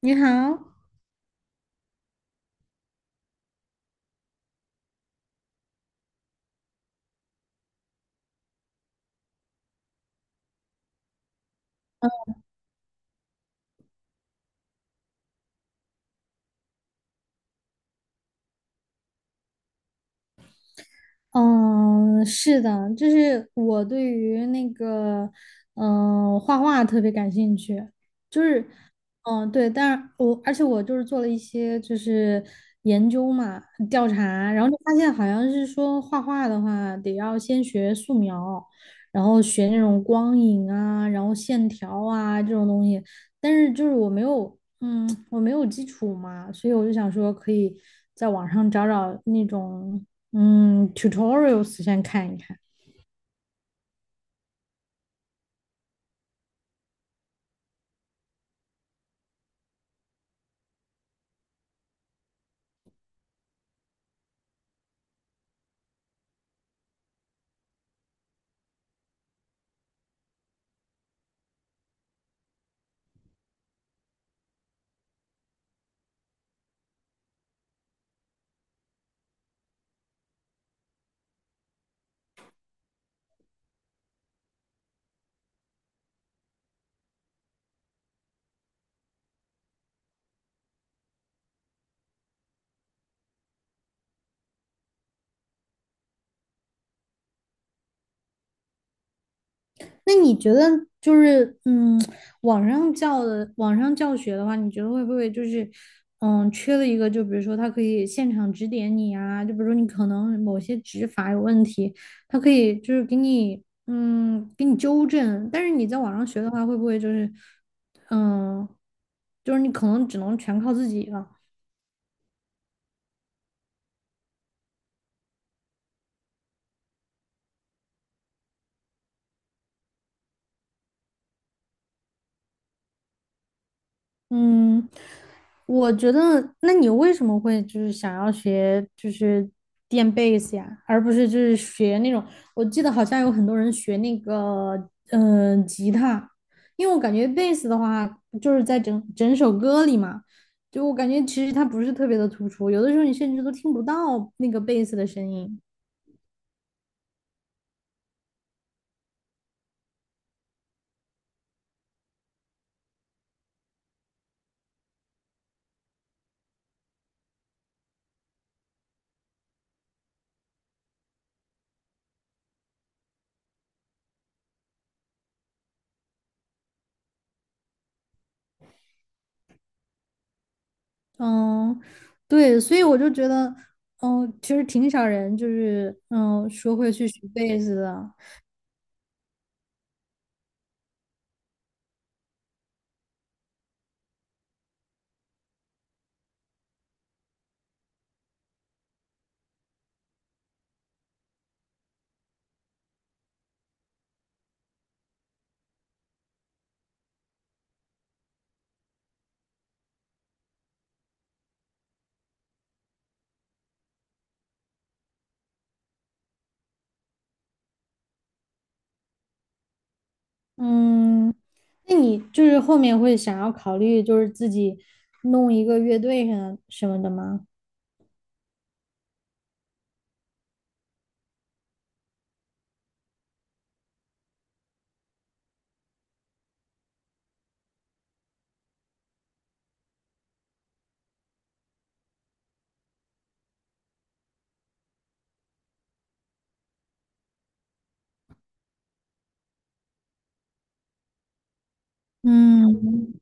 你好，嗯，是的，就是我对于那个，画画特别感兴趣，就是，对，但是我而且我就是做了一些就是研究嘛，调查，然后就发现好像是说画画的话得要先学素描，然后学那种光影啊，然后线条啊这种东西，但是就是我没有。嗯，我没有基础嘛，所以我就想说可以在网上找找那种tutorials 先看一看。那你觉得就是嗯，网上教学的话，你觉得会不会缺了一个？就比如说他可以现场指点你啊，就比如说你可能某些指法有问题，他可以就是给你给你纠正。但是你在网上学的话，会不会嗯就是你可能只能全靠自己了？嗯，我觉得，那你为什么会就是想要学就是电贝斯呀，而不是就是学那种？我记得好像有很多人学那个吉他，因为我感觉贝斯的话就是在整整首歌里嘛，就我感觉其实它不是特别的突出，有的时候你甚至都听不到那个贝斯的声音。嗯，对，所以我就觉得，其实挺少人说会去学贝斯的。嗯，那你就是后面会想要考虑，就是自己弄一个乐队什么什么的吗？嗯。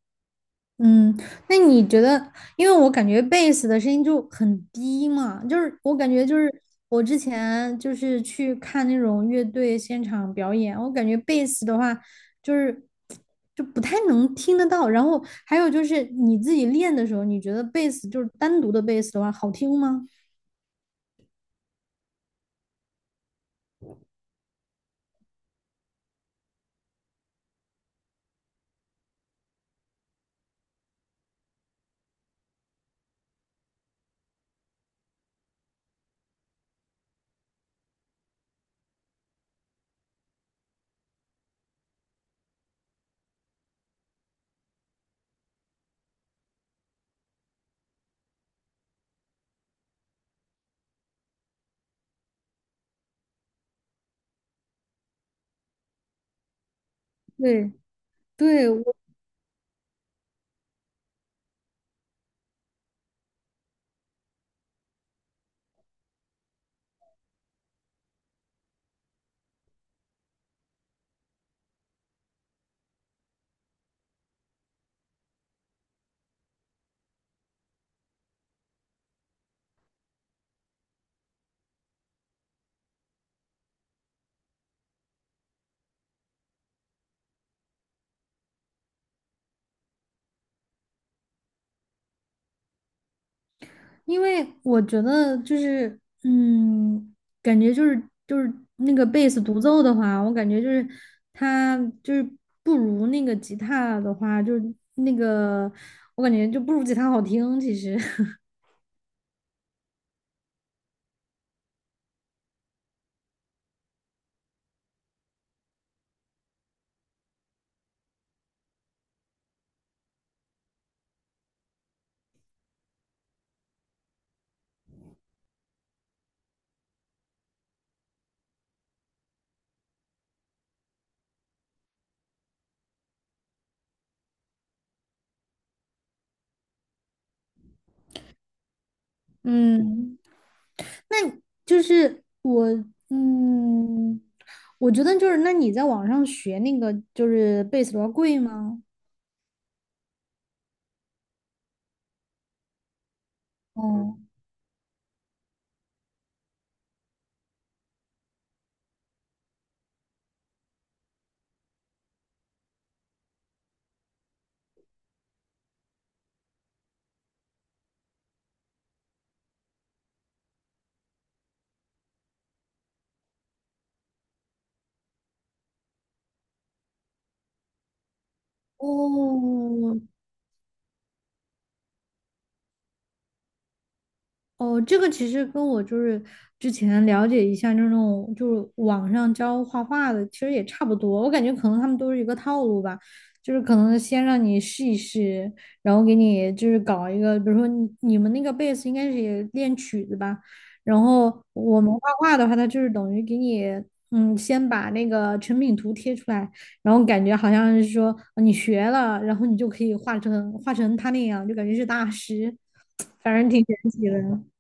嗯，那你觉得，因为我感觉贝斯的声音就很低嘛，就是我感觉就是我之前就是去看那种乐队现场表演，我感觉贝斯的话就是就不太能听得到。然后还有就是你自己练的时候，你觉得贝斯就是单独的贝斯的话好听吗？对对，我。因为我觉得就是，嗯，感觉就是就是那个贝斯独奏的话，我感觉就是它就是不如那个吉他的话，我感觉就不如吉他好听。其实，嗯，那就是我，嗯，我觉得就是那你在网上学那个就是贝斯多贵吗？哦哦，哦，这个其实跟我就是之前了解一下那种就是网上教画画的，其实也差不多。我感觉可能他们都是一个套路吧，就是可能先让你试一试，然后给你就是搞一个，比如说你们那个贝斯应该是也练曲子吧，然后我们画画的话，它就是等于给你先把那个成品图贴出来，然后感觉好像是说你学了，然后你就可以画成他那样，就感觉是大师，反正挺神奇的。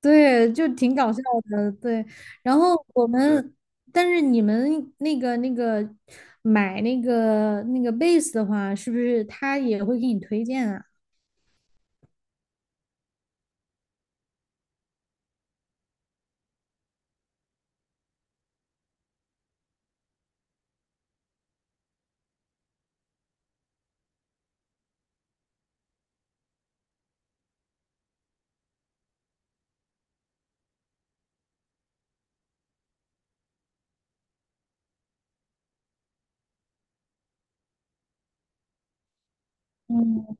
对，就挺搞笑的，对。然后我们，但是你们那个买那个 base 的话，是不是他也会给你推荐啊？嗯，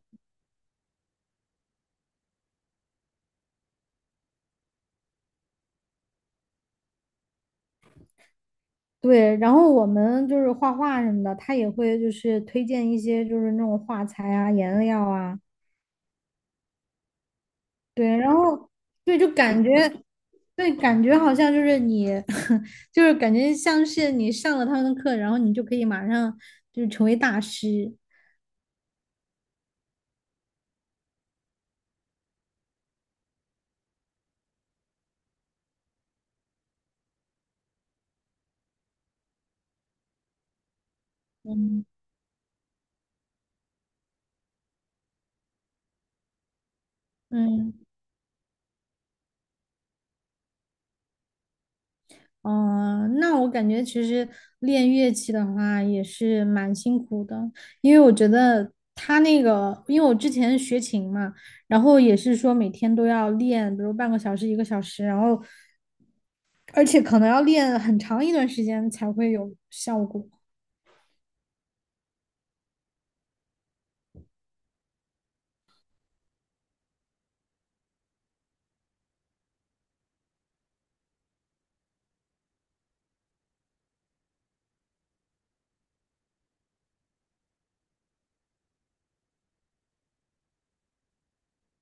对。然后我们就是画画什么的，他也会就是推荐一些就是那种画材啊、颜料啊，对。然后对，就感觉对，感觉好像就是你，就是感觉像是你上了他们的课，然后你就可以马上就是成为大师。嗯。嗯。哦，那我感觉其实练乐器的话也是蛮辛苦的，因为我觉得他那个，因为我之前学琴嘛，然后也是说每天都要练，比如半个小时、一个小时，然后而且可能要练很长一段时间才会有效果。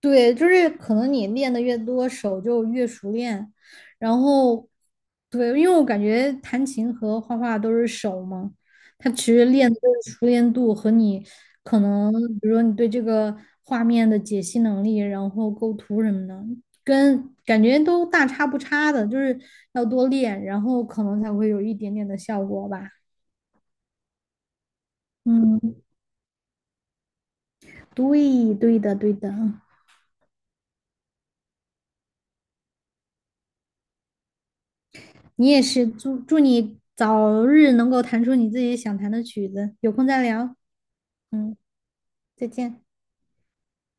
对，就是可能你练的越多，手就越熟练。然后，对，因为我感觉弹琴和画画都是手嘛，它其实练的就是熟练度和你可能，比如说你对这个画面的解析能力，然后构图什么的，跟感觉都大差不差的，就是要多练，然后可能才会有一点点的效果吧。嗯，对，对的，对的。你也是，祝你早日能够弹出你自己想弹的曲子，有空再聊，嗯，再见。